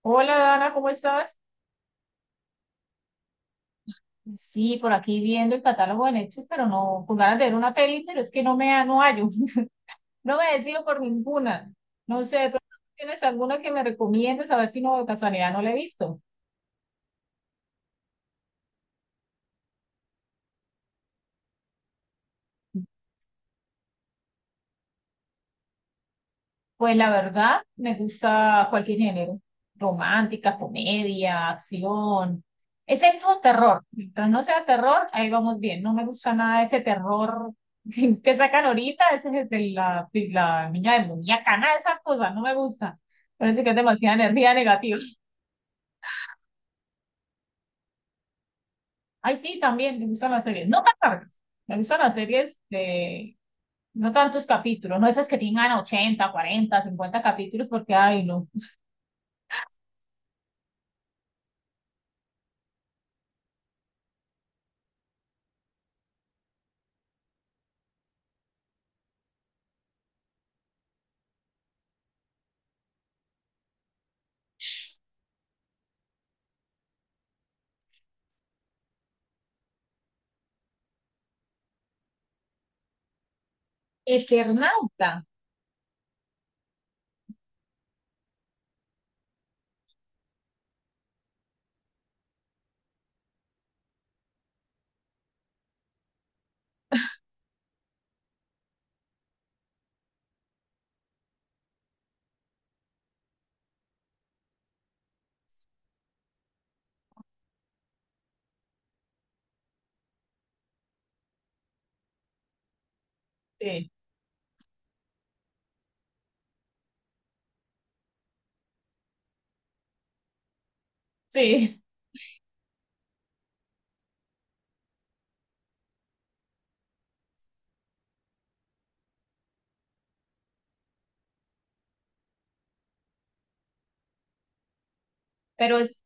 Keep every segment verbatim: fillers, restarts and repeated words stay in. Hola Dana, ¿cómo estás? Sí, por aquí viendo el catálogo de Netflix, pero no, con ganas de ver una peli, pero es que no me ha- no hallo, no me decido por ninguna. No sé, pero ¿tienes alguna que me recomiendes? A ver si no de casualidad no la he visto. Pues la verdad, me gusta cualquier género. Romántica, comedia, acción, excepto terror. Mientras no sea terror, ahí vamos bien. No me gusta nada ese terror que sacan ahorita, ese es el de la, la niña demoníaca, nada de esas cosas, no me gusta. Parece que es demasiada energía negativa. Ay, sí, también me gustan las series. No tan largas. Me gustan las series de no tantos capítulos, no esas que tengan ochenta cuarenta cincuenta capítulos, porque, ay, no. Eternauta. Sí. Sí, pero, es-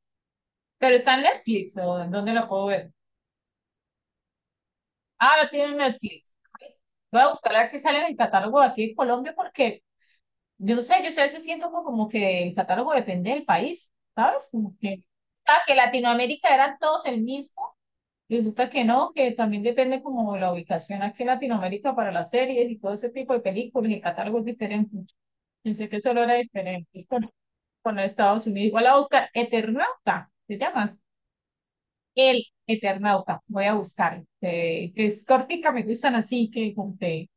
pero ¿está en Netflix o en dónde lo puedo ver? Ah, lo tiene en Netflix. Voy a buscar a ver si sale en el catálogo de aquí en Colombia porque yo no sé, yo sé, a veces siento como, como que el catálogo depende del país, ¿sabes? Como que, ah, que Latinoamérica eran todos el mismo, y resulta que no, que también depende como la ubicación aquí en Latinoamérica para las series y todo ese tipo de películas y el catálogo es diferente. Pensé que solo era diferente con, con Estados Unidos. Igual a buscar Eternauta, se llama. El Eternauta, voy a buscar. Eh, es cortica, me gustan, así que como que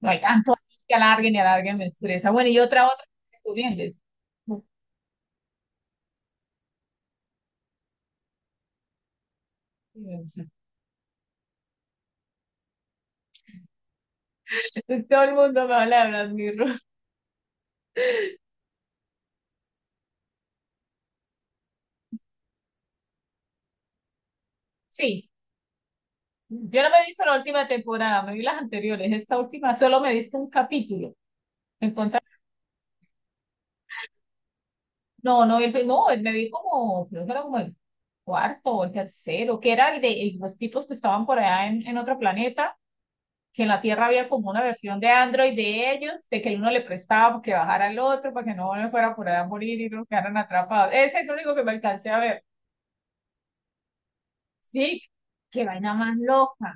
no hay tanto ahí que alarguen y alarguen, me estresa. Bueno, y otra, otra, tú vienes. Este, todo el mundo me habla de Black Mirror. Sí, yo no me he visto la última temporada, me vi las anteriores. Esta última solo me he visto un capítulo. Me encontré- No, no, el, no, me vi como, creo que era como el cuarto o el tercero, que era el de el- los tipos que estaban por allá en, en otro planeta, que en la Tierra había como una versión de Android de ellos, de que uno le prestaba para que bajara al otro, para que no me fuera por allá a morir y no quedaran atrapados. Ese es el único que me alcancé a ver. Sí, qué vaina más loca.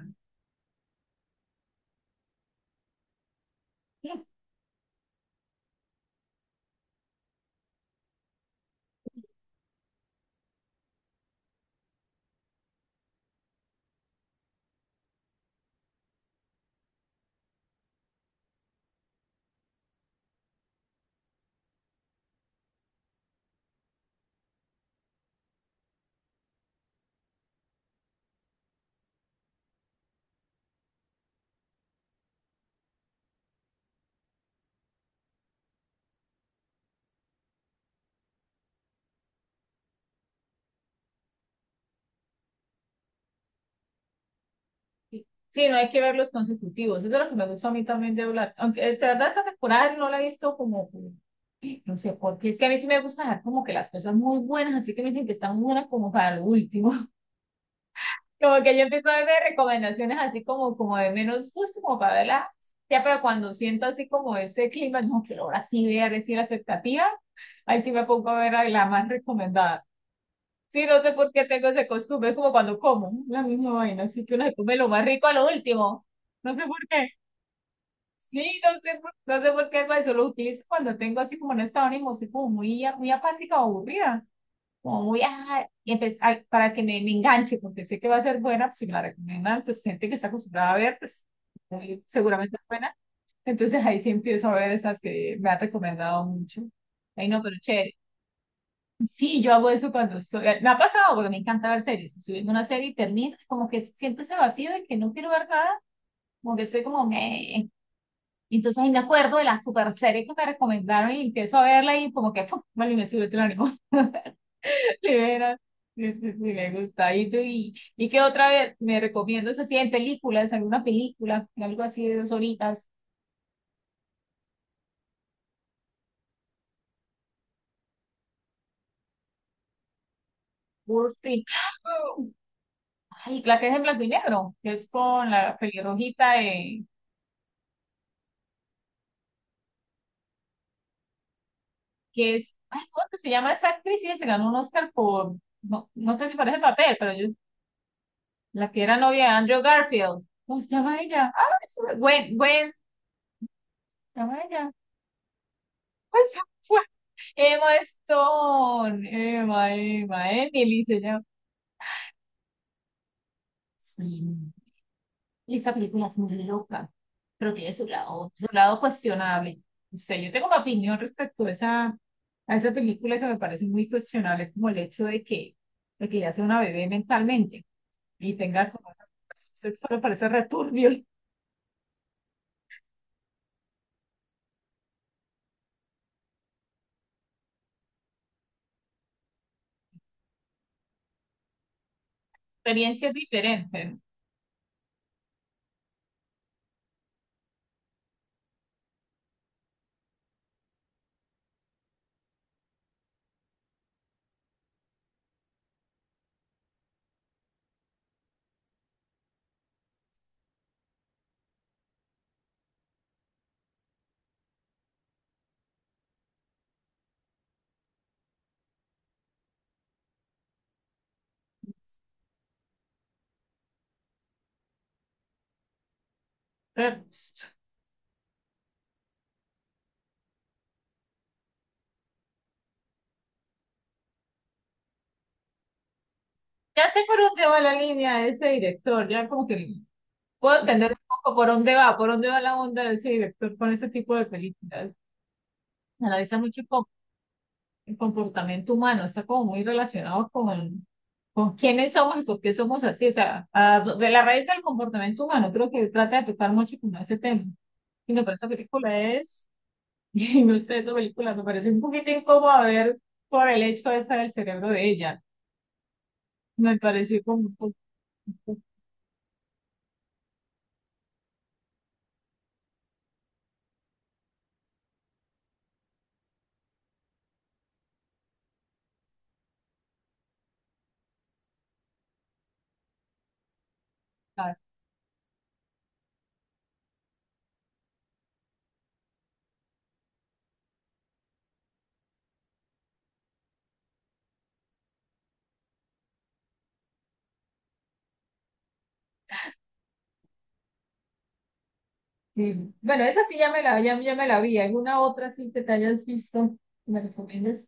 Sí, no hay que ver los consecutivos. Eso es de lo que me gusta a mí también de Black. Aunque de verdad esta temporada no la he visto como, como- no sé, porque es que a mí sí me gusta dejar como que las cosas muy buenas, así que me dicen que están muy buenas como para lo último. Como que yo empiezo a ver recomendaciones así como, como de menos justo, como para verla. Ya, pero cuando siento así como ese clima, no quiero ahora sí ver, decir la expectativa, ahí sí me pongo a ver a la más recomendada. Sí, no sé por qué tengo ese costumbre, es como cuando como, la misma vaina, así que uno se come lo más rico a lo último. No sé por qué. Sí, no sé por, no sé por qué, pero eso lo utilizo cuando tengo así como un estado de ánimo, así como muy, a- muy apática o aburrida, como muy, ah, y empe- ah, para que me, me enganche, porque sé que va a ser buena, pues si me la recomiendan, pues gente que está acostumbrada a ver, pues eh, seguramente es buena. Entonces ahí sí empiezo a ver esas que me han recomendado mucho. Ay, no, pero chévere. Sí, yo hago eso cuando estoy, me ha pasado porque me encanta ver series. Estoy viendo una serie y termino, como que siento ese vacío de que no quiero ver nada, como que estoy como, me... Entonces ahí me acuerdo de la super serie que me recomendaron y empiezo a verla y como que, ¡pum! Vale, me sube el ánimo. De veras. Sí, sí, sí, me gusta. ¿Y, tú- y, y qué otra vez me recomiendas así en películas, alguna película, algo así de dos horitas? Wall Street. Ay, la que es en blanco y negro, que es con la pelirrojita de, que es, ay, ¿cómo es que se llama esa actriz? Y se ganó un Oscar por, no, no sé si parece papel, pero yo, la que era novia de Andrew Garfield. ¿Cómo se llama ella? Ah, es- Gwen, Gwen, ¿cómo ¿se llama ella? Pues fue Emma Stone, Emma, Emma, Emily se llama. Sí. Y esa película es muy loca. Creo que tiene su lado, su lado cuestionable. O sea, yo tengo una opinión respecto a esa, a esa película que me parece muy cuestionable, como el hecho de que, de que ya sea una bebé mentalmente y tenga como esa educación sexual, me parece returbio. Experiencias diferentes. Pero, ya sé por dónde va la línea de ese director, ya como que puedo entender un poco por dónde va, por dónde va la onda de ese director con ese tipo de películas. Analiza mucho el comportamiento humano, está como muy relacionado con, con quiénes somos y por qué somos así, o sea, a- de la raíz del comportamiento humano, creo que trata de tocar mucho con ese tema. Y no, pero esa película es, y no sé, esta película me parece un poquito incómodo ver por el hecho ese del cerebro de ella, me pareció como un poco complicado. Y, bueno, esa sí ya me la, ya, ya me la vi. ¿Alguna otra sí que te hayas visto? Que ¿me recomiendas?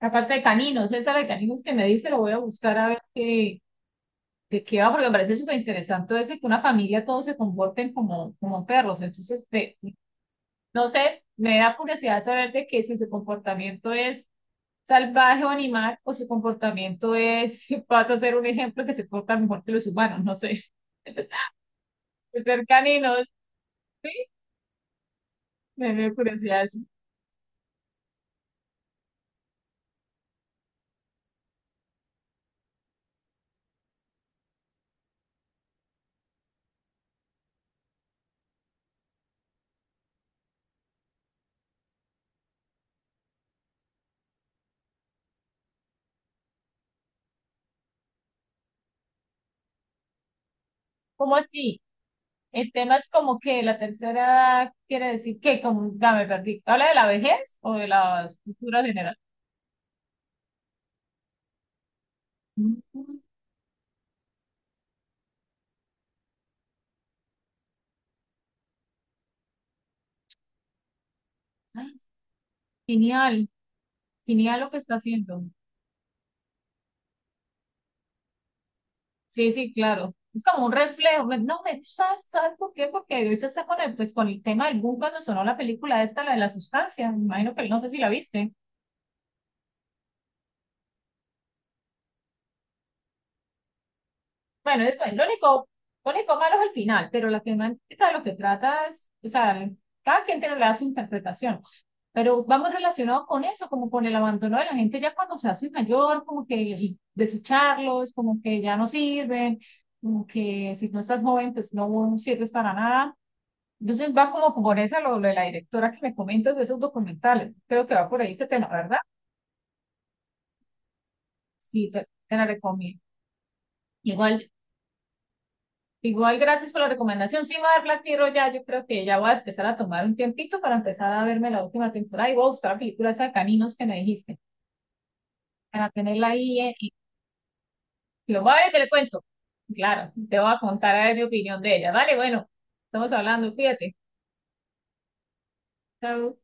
Aparte de caninos, esa de caninos que me dice, lo voy a buscar a ver qué, ¿de qué va? Porque me parece súper interesante eso y que una familia todos se comporten como, como perros. Entonces, de- no sé, me da curiosidad saber de que si su comportamiento es salvaje o animal o su comportamiento es, pasa a ser un ejemplo que se porta mejor que los humanos, no sé. De ser caninos, sí, me da curiosidad eso. ¿Cómo así? El tema es como que la tercera edad quiere decir que, como, dame, perdí. ¿Habla de la vejez o de la cultura general? Mm, ay, genial, genial lo que está haciendo. Sí, sí, claro. Es como un reflejo. Me- No, me, ¿sabes, sabes por qué? Porque ahorita está con el, pues, con el tema del boom cuando sonó la película esta, la de la sustancia. Me imagino que no sé si la viste. Bueno, es- lo único, lo único malo es el final, pero la temática de lo que trata es, o sea, cada quien tiene le da su interpretación. Pero vamos relacionados con eso, como con el abandono de la gente ya cuando se hace mayor, como que y desecharlos, como que ya no sirven, como que si no estás joven, pues no sirves para nada. Entonces va como por esa, lo, lo de la directora que me comentas de esos documentales. Creo que va por ahí ese tema, ¿verdad? Sí, te, te la recomiendo. Igual, igual, gracias por la recomendación. Sí, me voy a ver Black Mirror ya. Yo creo que ya voy a empezar a tomar un tiempito para empezar a verme la última temporada y voy a buscar la película esa de caninos que me dijiste, para tenerla ahí eh, y lo voy a ver y te le cuento. Claro, te voy a contar a ver mi opinión de ella. Vale, bueno, estamos hablando, cuídate. Chao.